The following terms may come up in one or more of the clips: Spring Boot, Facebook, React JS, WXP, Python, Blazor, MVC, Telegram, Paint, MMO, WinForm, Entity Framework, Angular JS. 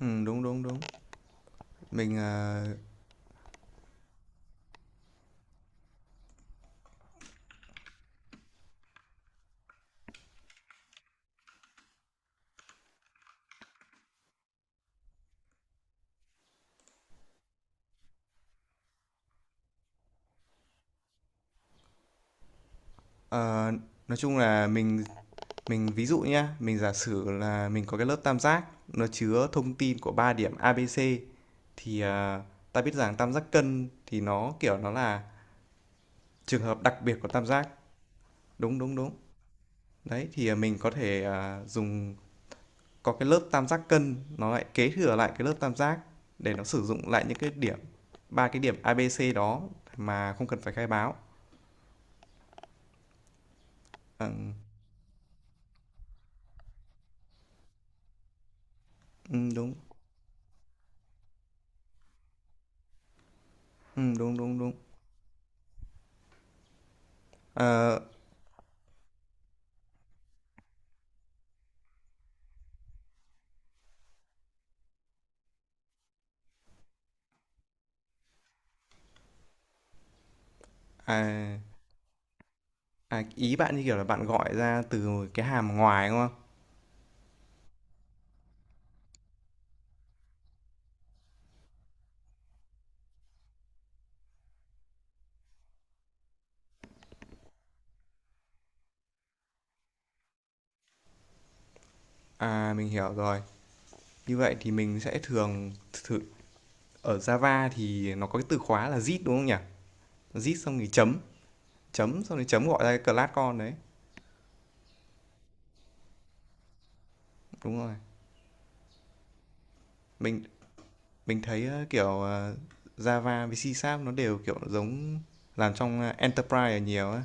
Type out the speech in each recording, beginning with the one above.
Đúng, đúng, đúng. Mình, ờ, nói chung là mình ví dụ nhá, mình giả sử là mình có cái lớp tam giác nó chứa thông tin của ba điểm A ABC thì ta biết rằng tam giác cân thì nó kiểu nó là trường hợp đặc biệt của tam giác. Đúng, đúng, đúng. Đấy thì mình có thể dùng có cái lớp tam giác cân nó lại kế thừa lại cái lớp tam giác để nó sử dụng lại những cái điểm ba cái điểm A ABC đó mà không cần phải khai báo. Ờ, ừ, đúng. Ừ, đúng đúng đúng. Ờ, à, à, ý bạn như kiểu là bạn gọi ra từ cái hàm ngoài, đúng không? À, mình hiểu rồi. Như vậy thì mình sẽ thường thử ở Java thì nó có cái từ khóa là zip đúng không nhỉ? Zip xong thì chấm, chấm xong thì chấm gọi ra cái class con đấy. Đúng rồi. Mình mình thấy kiểu Java với C Sharp nó đều kiểu giống làm trong enterprise là nhiều á.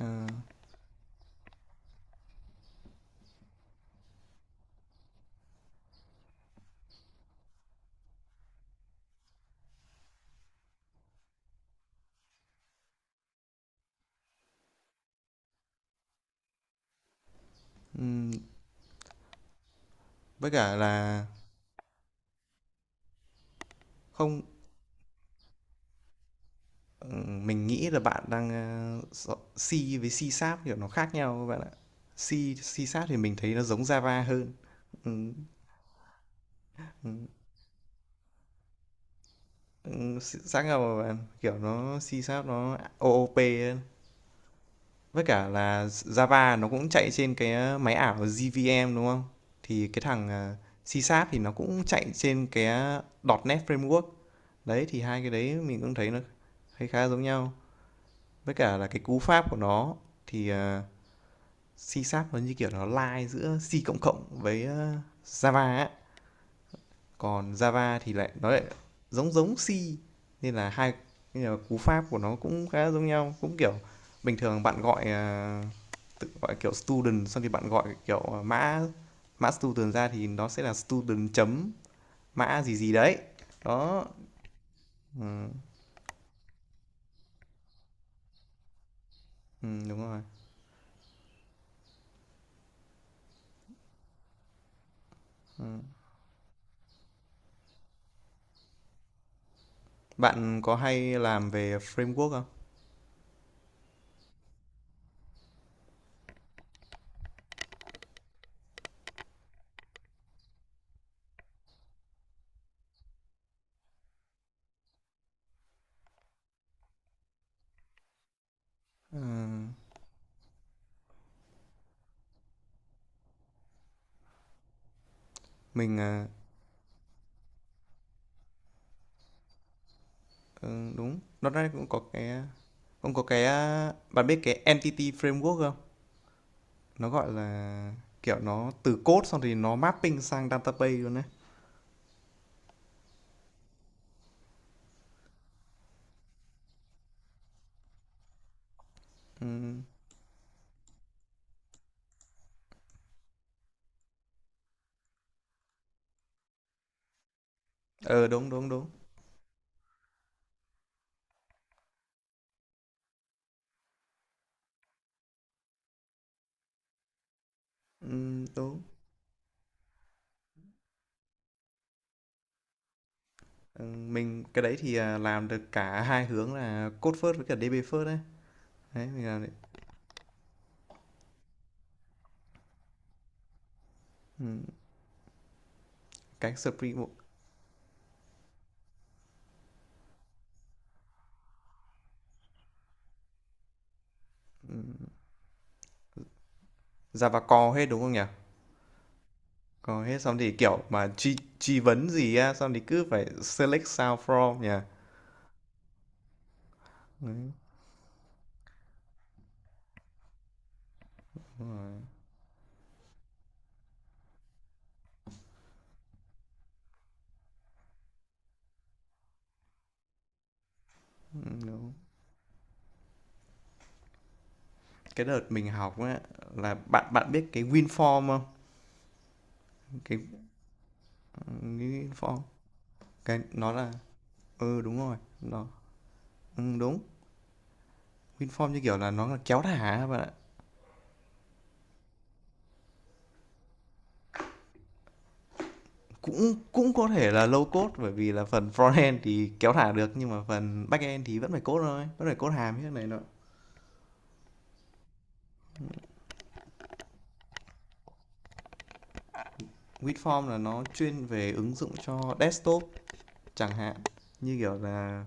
Ờ, ừm, với cả là không. Mình nghĩ là bạn đang, a, s C với C-Sharp, kiểu, nó khác nhau các bạn ạ. C C-Sharp thì mình thấy nó giống Java hơn. Ừm, ừm, sáng nào bạn, kiểu, nó C-Sharp nó OOP hơn. Với cả là Java nó cũng chạy trên cái, máy ảo JVM, đúng không? Thì cái thằng, C-Sharp thì nó cũng chạy trên cái, .NET Framework. Đấy, thì hai cái đấy mình cũng thấy khá giống nhau. Với cả là cái cú pháp của nó thì, C Sharp nó như kiểu nó lai giữa C cộng cộng với Java ấy. Còn Java thì lại nó lại giống giống C nên là hai là cú pháp của nó cũng khá giống nhau cũng kiểu bình thường bạn gọi tự gọi kiểu student xong thì bạn gọi kiểu mã mã student ra thì nó sẽ là student chấm mã gì gì đấy đó. Ừ, ừ, đúng rồi. Ừ. Bạn có hay làm về framework không? Ừ, mình ừ, đúng. Nó đây cũng có cái bạn biết cái Entity Framework không? Nó gọi là kiểu nó từ code xong thì nó mapping sang database luôn đấy. Ừ. Ờ đúng đúng đúng. Ừ, đúng. Ừ, mình cái đấy thì làm được cả hai hướng là code first với cả DB first đấy. Đấy mình làm đấy. Ừ. Cái Spring Boot. Ừ. Java core hết đúng không nhỉ? Core hết xong thì kiểu mà truy truy vấn gì á xong thì cứ phải select sao from nhỉ? Đấy, đúng rồi. Ừ, đúng. Cái đợt mình học á là bạn bạn biết cái WinForm không? Cái, WinForm cái nó là ừ đúng rồi nó ừ, đúng. WinForm như kiểu là nó là kéo thả các bạn ạ. Cũng cũng có thể là low code bởi vì là phần frontend thì kéo thả được nhưng mà phần backend thì vẫn phải code thôi vẫn phải code hàm như thế này nọ. WinForm là nó chuyên về ứng dụng cho desktop chẳng hạn như kiểu là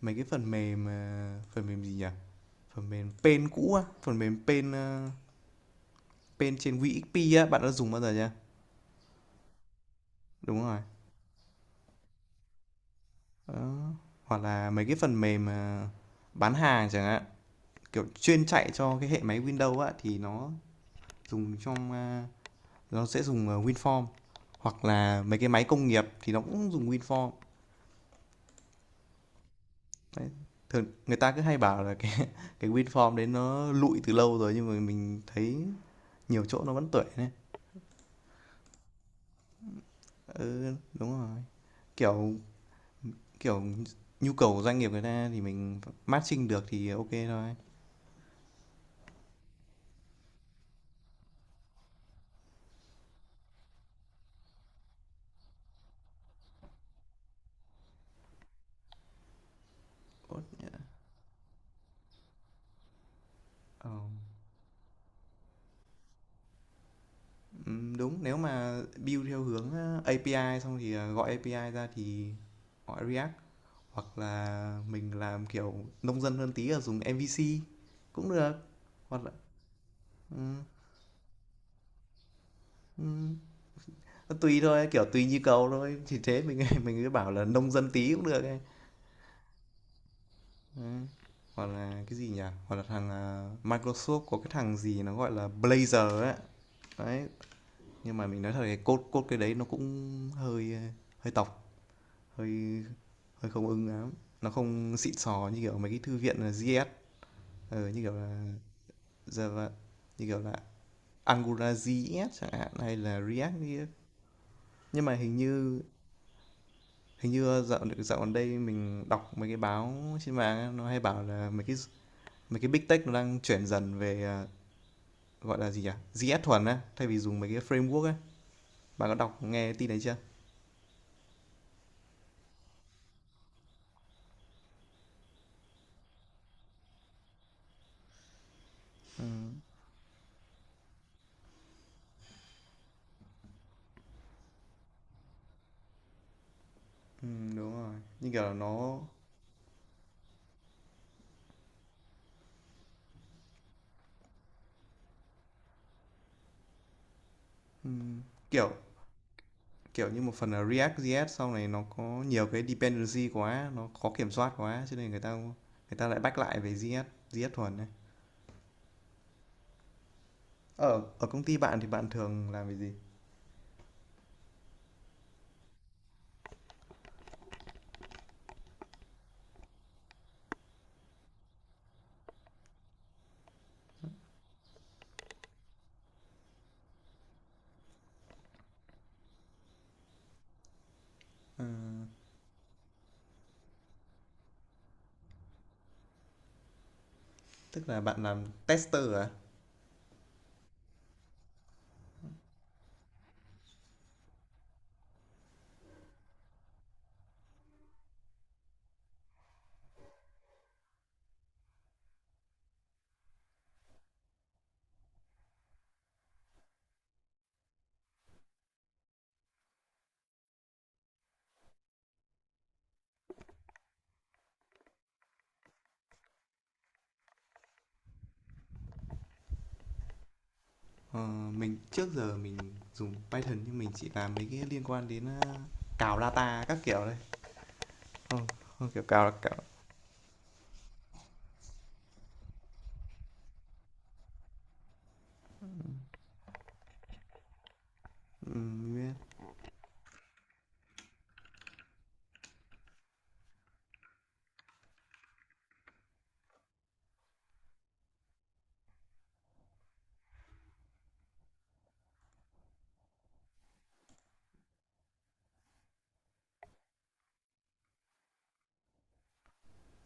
mấy cái phần mềm phần mềm gì nhỉ, phần mềm pen cũ á, phần mềm pen Paint trên WXP á, bạn đã dùng bao giờ chưa? Đúng rồi. Đó. Hoặc là mấy cái phần mềm bán hàng chẳng hạn, kiểu chuyên chạy cho cái hệ máy Windows á thì nó dùng trong nó sẽ dùng WinForm hoặc là mấy cái máy công nghiệp thì nó cũng dùng WinForm. Đấy. Thường người ta cứ hay bảo là cái cái WinForm đấy nó lụi từ lâu rồi nhưng mà mình thấy nhiều chỗ nó vẫn tuổi này. Ừ, đúng rồi. Kiểu kiểu nhu cầu của doanh nghiệp người ta thì mình matching được thì ok thôi. Code nhá. Ờ. Đúng, nếu mà build theo hướng API xong thì gọi API ra thì gọi React hoặc là mình làm kiểu nông dân hơn tí là dùng MVC cũng được. Hoặc là ừm, ừm, nó tùy thôi, kiểu tùy nhu cầu thôi. Thì thế mình mình cứ bảo là nông dân tí cũng được ấy. Ừm. Hoặc là cái gì nhỉ? Hoặc là thằng Microsoft có cái thằng gì nó gọi là Blazor ấy. Đấy, nhưng mà mình nói thật cái code code cái đấy nó cũng hơi hơi tộc hơi hơi không ưng lắm. Nó không xịn sò như kiểu mấy cái thư viện là JS như kiểu là Java, như kiểu là Angular JS chẳng hạn hay là React JS. Nhưng mà hình như dạo dạo gần đây mình đọc mấy cái báo trên mạng á, nó hay bảo là mấy cái big tech nó đang chuyển dần về gọi là gì nhỉ, JS thuần á thay vì dùng mấy cái framework á, bạn có đọc nghe tin đấy chưa? Ừ, đúng rồi. Như kiểu là nó. Ừ, kiểu. Kiểu như một phần là React JS sau này nó có nhiều cái dependency quá, nó khó kiểm soát quá cho nên người ta lại back lại về JS, JS thuần này. Ở ở công ty bạn thì bạn thường làm về gì? Ờ, tức là bạn làm tester à? Ờ, mình trước giờ mình dùng Python nhưng mình chỉ làm mấy cái liên quan đến cào data các kiểu đây. Ờ, ờ, kiểu cào cào, biết.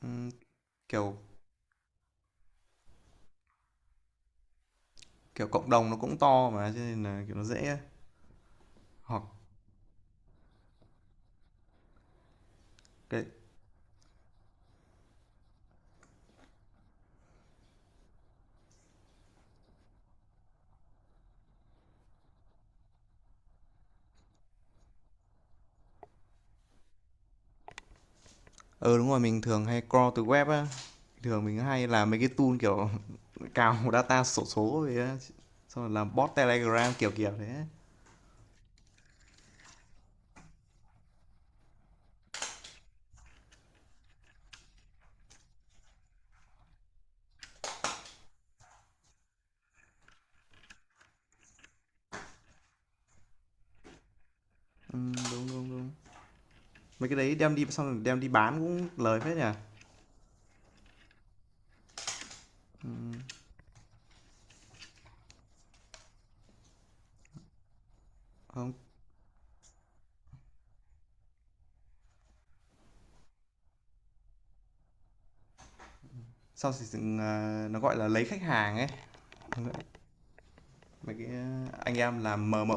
Ừm, kiểu kiểu cộng đồng nó cũng to mà cho nên là kiểu nó dễ hoặc cái. Ờ, đúng rồi, mình thường hay crawl từ web á. Thường mình hay làm mấy cái tool kiểu cào data sổ số về á. Xong rồi làm bot Telegram kiểu kiểu thế. Ừ, đúng đúng đúng. Mấy cái đấy đem đi xong rồi đem đi bán cũng lời phết nhỉ. Ừ, không, sau thì nó gọi là lấy khách hàng ấy. Mấy cái anh em làm mờ mờ.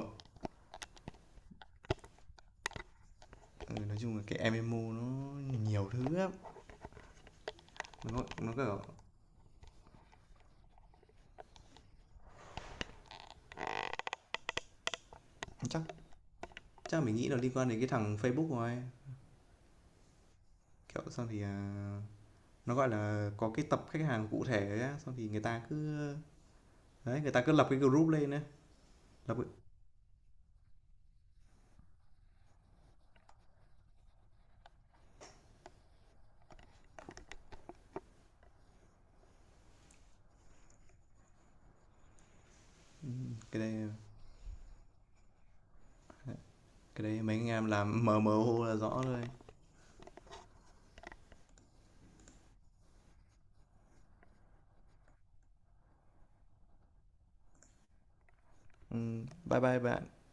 Ừ, nói chung là cái em MMO nó nhiều thứ lắm. Nó kiểu chắc chắc mình nghĩ là liên quan đến cái thằng Facebook rồi. Kiểu xong thì nó gọi là, có cái tập khách hàng cụ thể á, xong thì người ta cứ đấy, người ta cứ lập cái group lên á, lập cái cái đấy mấy anh em làm mờ mờ ô là rõ rồi. Bye bye bạn.